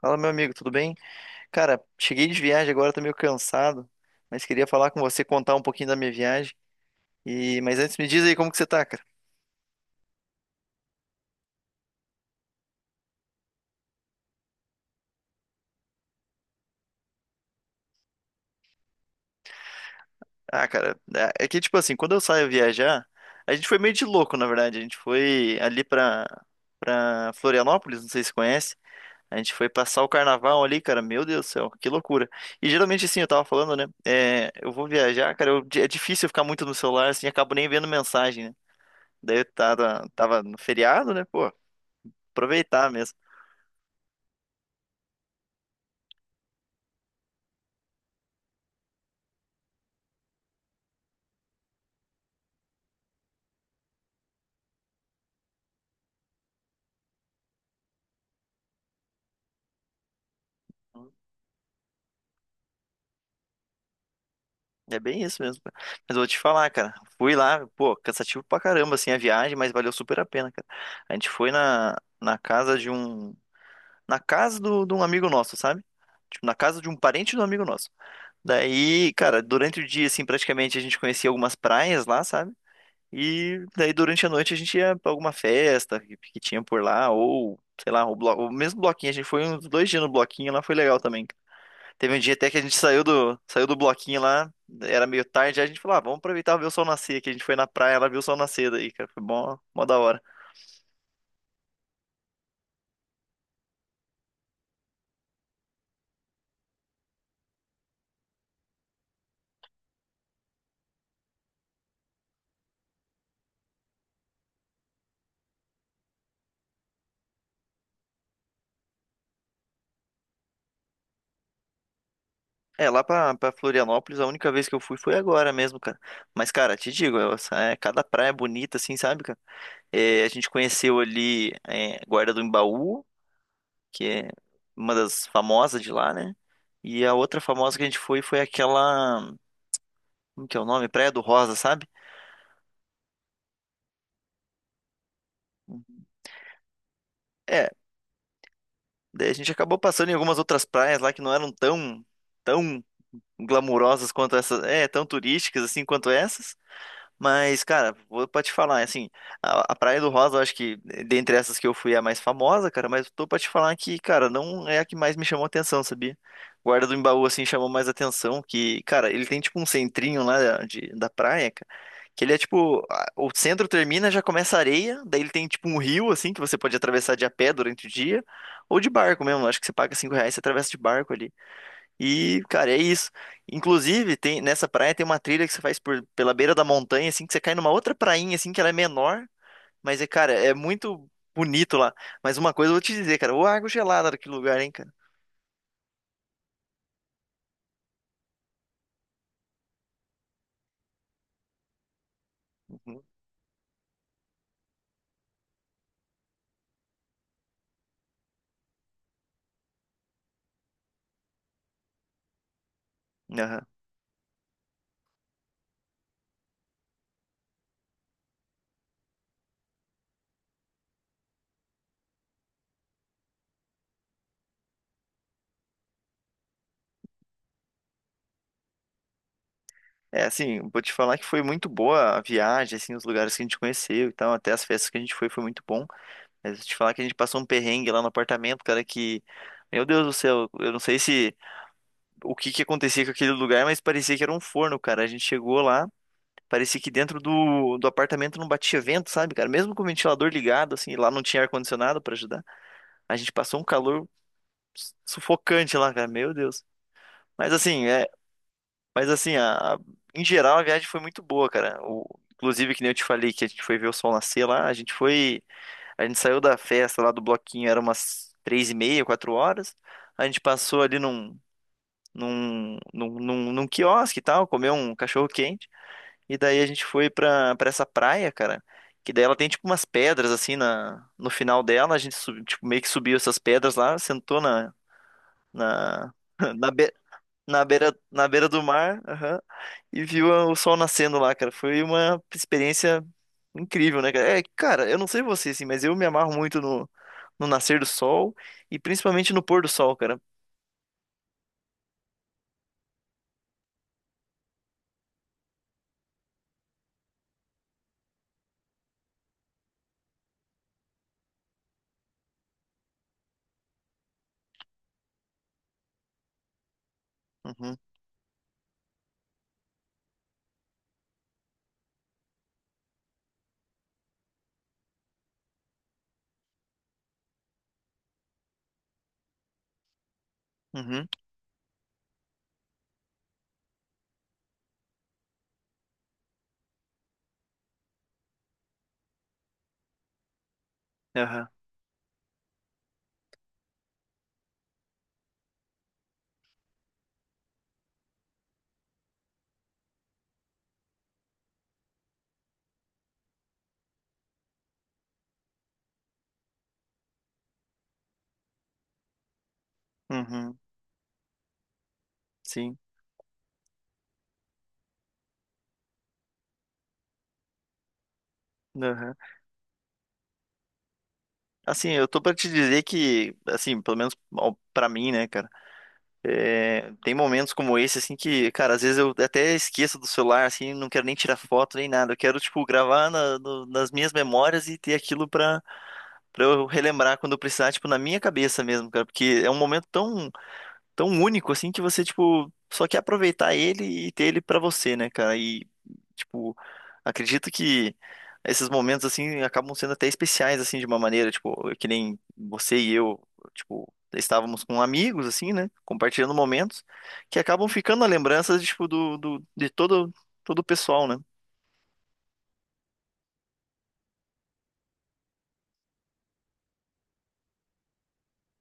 Fala, meu amigo, tudo bem? Cara, cheguei de viagem agora, tô meio cansado, mas queria falar com você, contar um pouquinho da minha viagem. E mas antes me diz aí como que você tá, cara? Ah, cara, é que tipo assim, quando eu saio viajar, a gente foi meio de louco, na verdade. A gente foi ali pra para Florianópolis, não sei se conhece. A gente foi passar o carnaval ali, cara. Meu Deus do céu, que loucura. E geralmente assim, eu tava falando, né? É, eu vou viajar, cara, é difícil eu ficar muito no celular, assim, acabo nem vendo mensagem, né? Daí eu tava no feriado, né? Pô, aproveitar mesmo. É bem isso mesmo, cara. Mas eu vou te falar, cara. Fui lá, pô, cansativo pra caramba, assim, a viagem, mas valeu super a pena, cara. A gente foi na casa de um. Na casa de um amigo nosso, sabe? Tipo, na casa de um parente do amigo nosso. Daí, cara, durante o dia, assim, praticamente a gente conhecia algumas praias lá, sabe? E daí durante a noite a gente ia pra alguma festa que tinha por lá, ou, sei lá, o, o mesmo bloquinho. A gente foi uns 2 dias no bloquinho lá, foi legal também. Teve um dia até que a gente saiu do bloquinho lá, era meio tarde, aí a gente falou, ah, vamos aproveitar e ver o sol nascer, que a gente foi na praia, ela viu o sol nascer daí, cara, foi bom, mó da hora. É, lá pra, pra Florianópolis, a única vez que eu fui foi agora mesmo, cara. Mas, cara, te digo, é, cada praia é bonita, assim, sabe, cara? É, a gente conheceu ali é, Guarda do Embaú, que é uma das famosas de lá, né? E a outra famosa que a gente foi aquela, como que é o nome? Praia do Rosa, sabe? É. Daí a gente acabou passando em algumas outras praias lá que não eram tão glamurosas quanto essas, é, tão turísticas assim quanto essas. Mas, cara, vou pra te falar, assim, a Praia do Rosa, eu acho que dentre essas que eu fui é a mais famosa, cara, mas tô pra te falar que, cara, não é a que mais me chamou atenção, sabia? Guarda do Embaú, assim, chamou mais atenção, que, cara, ele tem tipo um centrinho lá eh, de, da praia, cara, que ele é tipo, o centro termina, já começa a areia, daí ele tem tipo um rio, assim, que você pode atravessar de a pé durante o dia, ou de barco mesmo, acho que você paga 5 reais e você atravessa de barco ali. E, cara, é isso. Inclusive, tem, nessa praia tem uma trilha que você faz pela beira da montanha, assim, que você cai numa outra prainha, assim, que ela é menor, mas é, cara, é muito bonito lá. Mas uma coisa eu vou te dizer, cara, ô água gelada daquele lugar, hein, cara. Uhum. Aham. É, assim, vou te falar que foi muito boa a viagem, assim, os lugares que a gente conheceu e tal, até as festas que a gente foi, foi muito bom. Mas vou te falar que a gente passou um perrengue lá no apartamento, cara, que, meu Deus do céu, eu não sei se, o que que acontecia com aquele lugar, mas parecia que era um forno, cara. A gente chegou lá. Parecia que dentro do apartamento não batia vento, sabe, cara? Mesmo com o ventilador ligado, assim, lá não tinha ar-condicionado pra ajudar. A gente passou um calor sufocante lá, cara. Meu Deus. Mas assim, é, mas assim, em geral a viagem foi muito boa, cara. O, inclusive, que nem eu te falei que a gente foi ver o sol nascer lá, a gente foi, a gente saiu da festa lá do bloquinho, era umas 3h30, 4h. A gente passou ali num quiosque e tal, comeu um cachorro quente. E daí a gente foi pra essa praia, cara. Que daí ela tem tipo umas pedras assim na, no final dela. A gente tipo, meio que subiu essas pedras lá, sentou na, na, be- na na beira do mar, aham, e viu o sol nascendo lá, cara. Foi uma experiência incrível, né, cara? É, cara, eu não sei você, assim, mas eu me amarro muito no nascer do sol e principalmente no pôr do sol, cara. Uhum, uhum, aham, uhum, sim, aham. Assim, eu tô pra te dizer que, assim, pelo menos pra mim, né, cara, é, tem momentos como esse, assim, que, cara, às vezes eu até esqueço do celular, assim, não quero nem tirar foto nem nada. Eu quero, tipo, gravar nas minhas memórias e ter aquilo pra eu relembrar quando eu precisar, tipo, na minha cabeça mesmo, cara, porque é um momento tão único assim que você, tipo, só quer aproveitar ele e ter ele pra você, né, cara? E, tipo, acredito que esses momentos assim acabam sendo até especiais assim de uma maneira, tipo, que nem você e eu, tipo, estávamos com amigos assim, né, compartilhando momentos que acabam ficando a lembrança tipo do, do de todo o pessoal, né?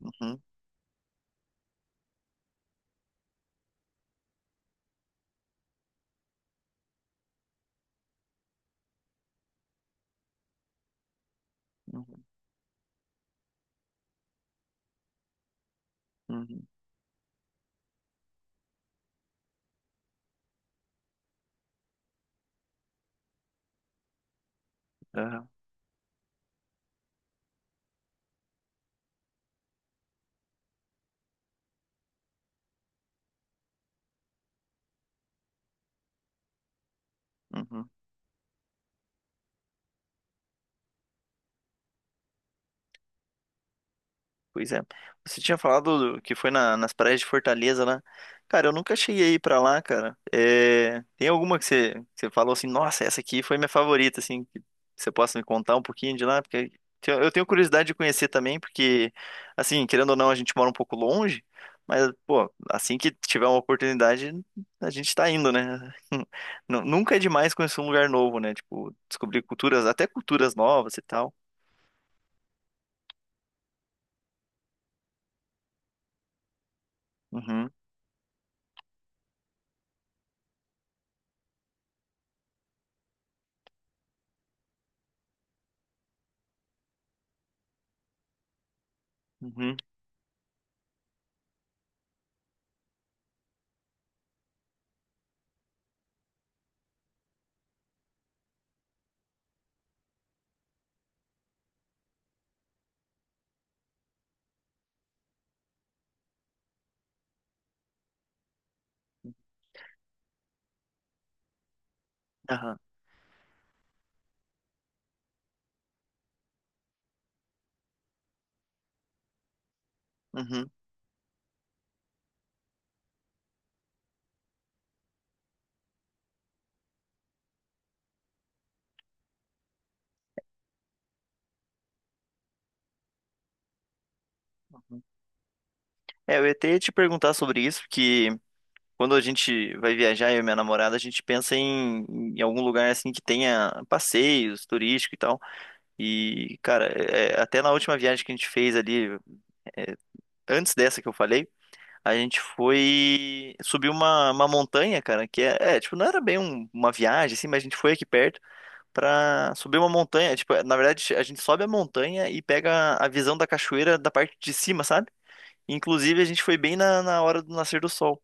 Uhum, uhum, uhum, aham, uhum. Pois é. Você tinha falado que foi nas praias de Fortaleza lá. Cara, eu nunca cheguei a ir pra lá, cara. É, tem alguma que que você falou assim, nossa, essa aqui foi minha favorita, assim, que você possa me contar um pouquinho de lá? Porque eu tenho curiosidade de conhecer também, porque, assim, querendo ou não, a gente mora um pouco longe, mas, pô, assim que tiver uma oportunidade, a gente tá indo, né? Nunca é demais conhecer um lugar novo, né? Tipo, descobrir culturas, até culturas novas e tal. Uhum, uhum, aham, uhum. É, eu ia até te perguntar sobre isso, porque quando a gente vai viajar, eu e minha namorada, a gente pensa em algum lugar assim que tenha passeios turístico e tal. E, cara, até na última viagem que a gente fez ali, antes dessa que eu falei, a gente foi subir uma montanha, cara, que é, é, tipo, não era bem uma viagem, assim, mas a gente foi aqui perto pra subir uma montanha. É, tipo, é, na verdade, a gente sobe a montanha e pega a visão da cachoeira da parte de cima, sabe? Inclusive, a gente foi bem na hora do nascer do sol.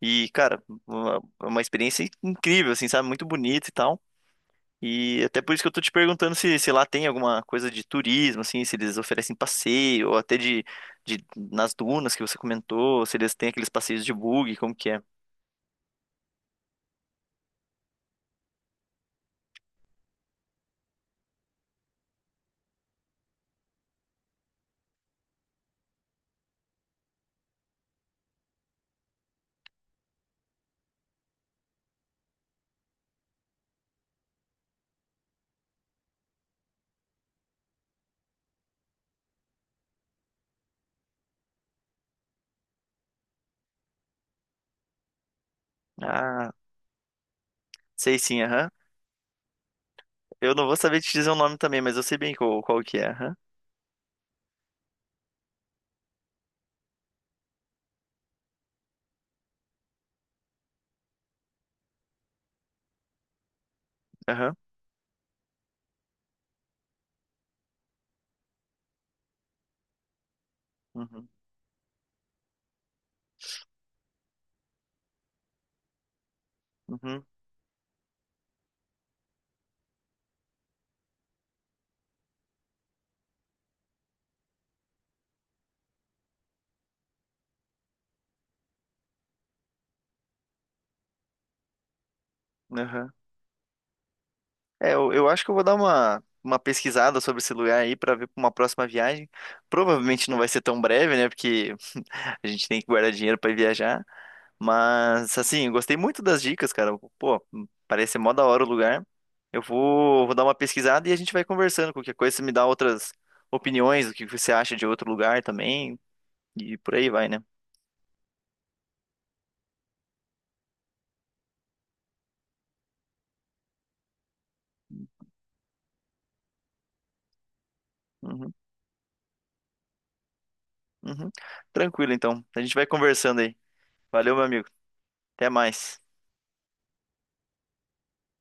E, cara, uma experiência incrível, assim, sabe? Muito bonita e tal. E até por isso que eu tô te perguntando se lá tem alguma coisa de turismo, assim, se eles oferecem passeio, ou até de nas dunas que você comentou, se eles têm aqueles passeios de bug, como que é. Ah, sei sim, aham. Eu não vou saber te dizer o nome também, mas eu sei bem qual que é, aham. Aham. Uhum. Uhum. Aham. É, eu acho que eu vou dar uma pesquisada sobre esse lugar aí pra ver pra uma próxima viagem. Provavelmente não vai ser tão breve, né? Porque a gente tem que guardar dinheiro para viajar. Mas, assim, eu gostei muito das dicas, cara. Pô, parece ser mó da hora o lugar. Eu vou dar uma pesquisada e a gente vai conversando. Qualquer coisa, você me dá outras opiniões, o que você acha de outro lugar também. E por aí vai, né? Uhum, uhum. Tranquilo, então. A gente vai conversando aí. Valeu, meu amigo. Até mais.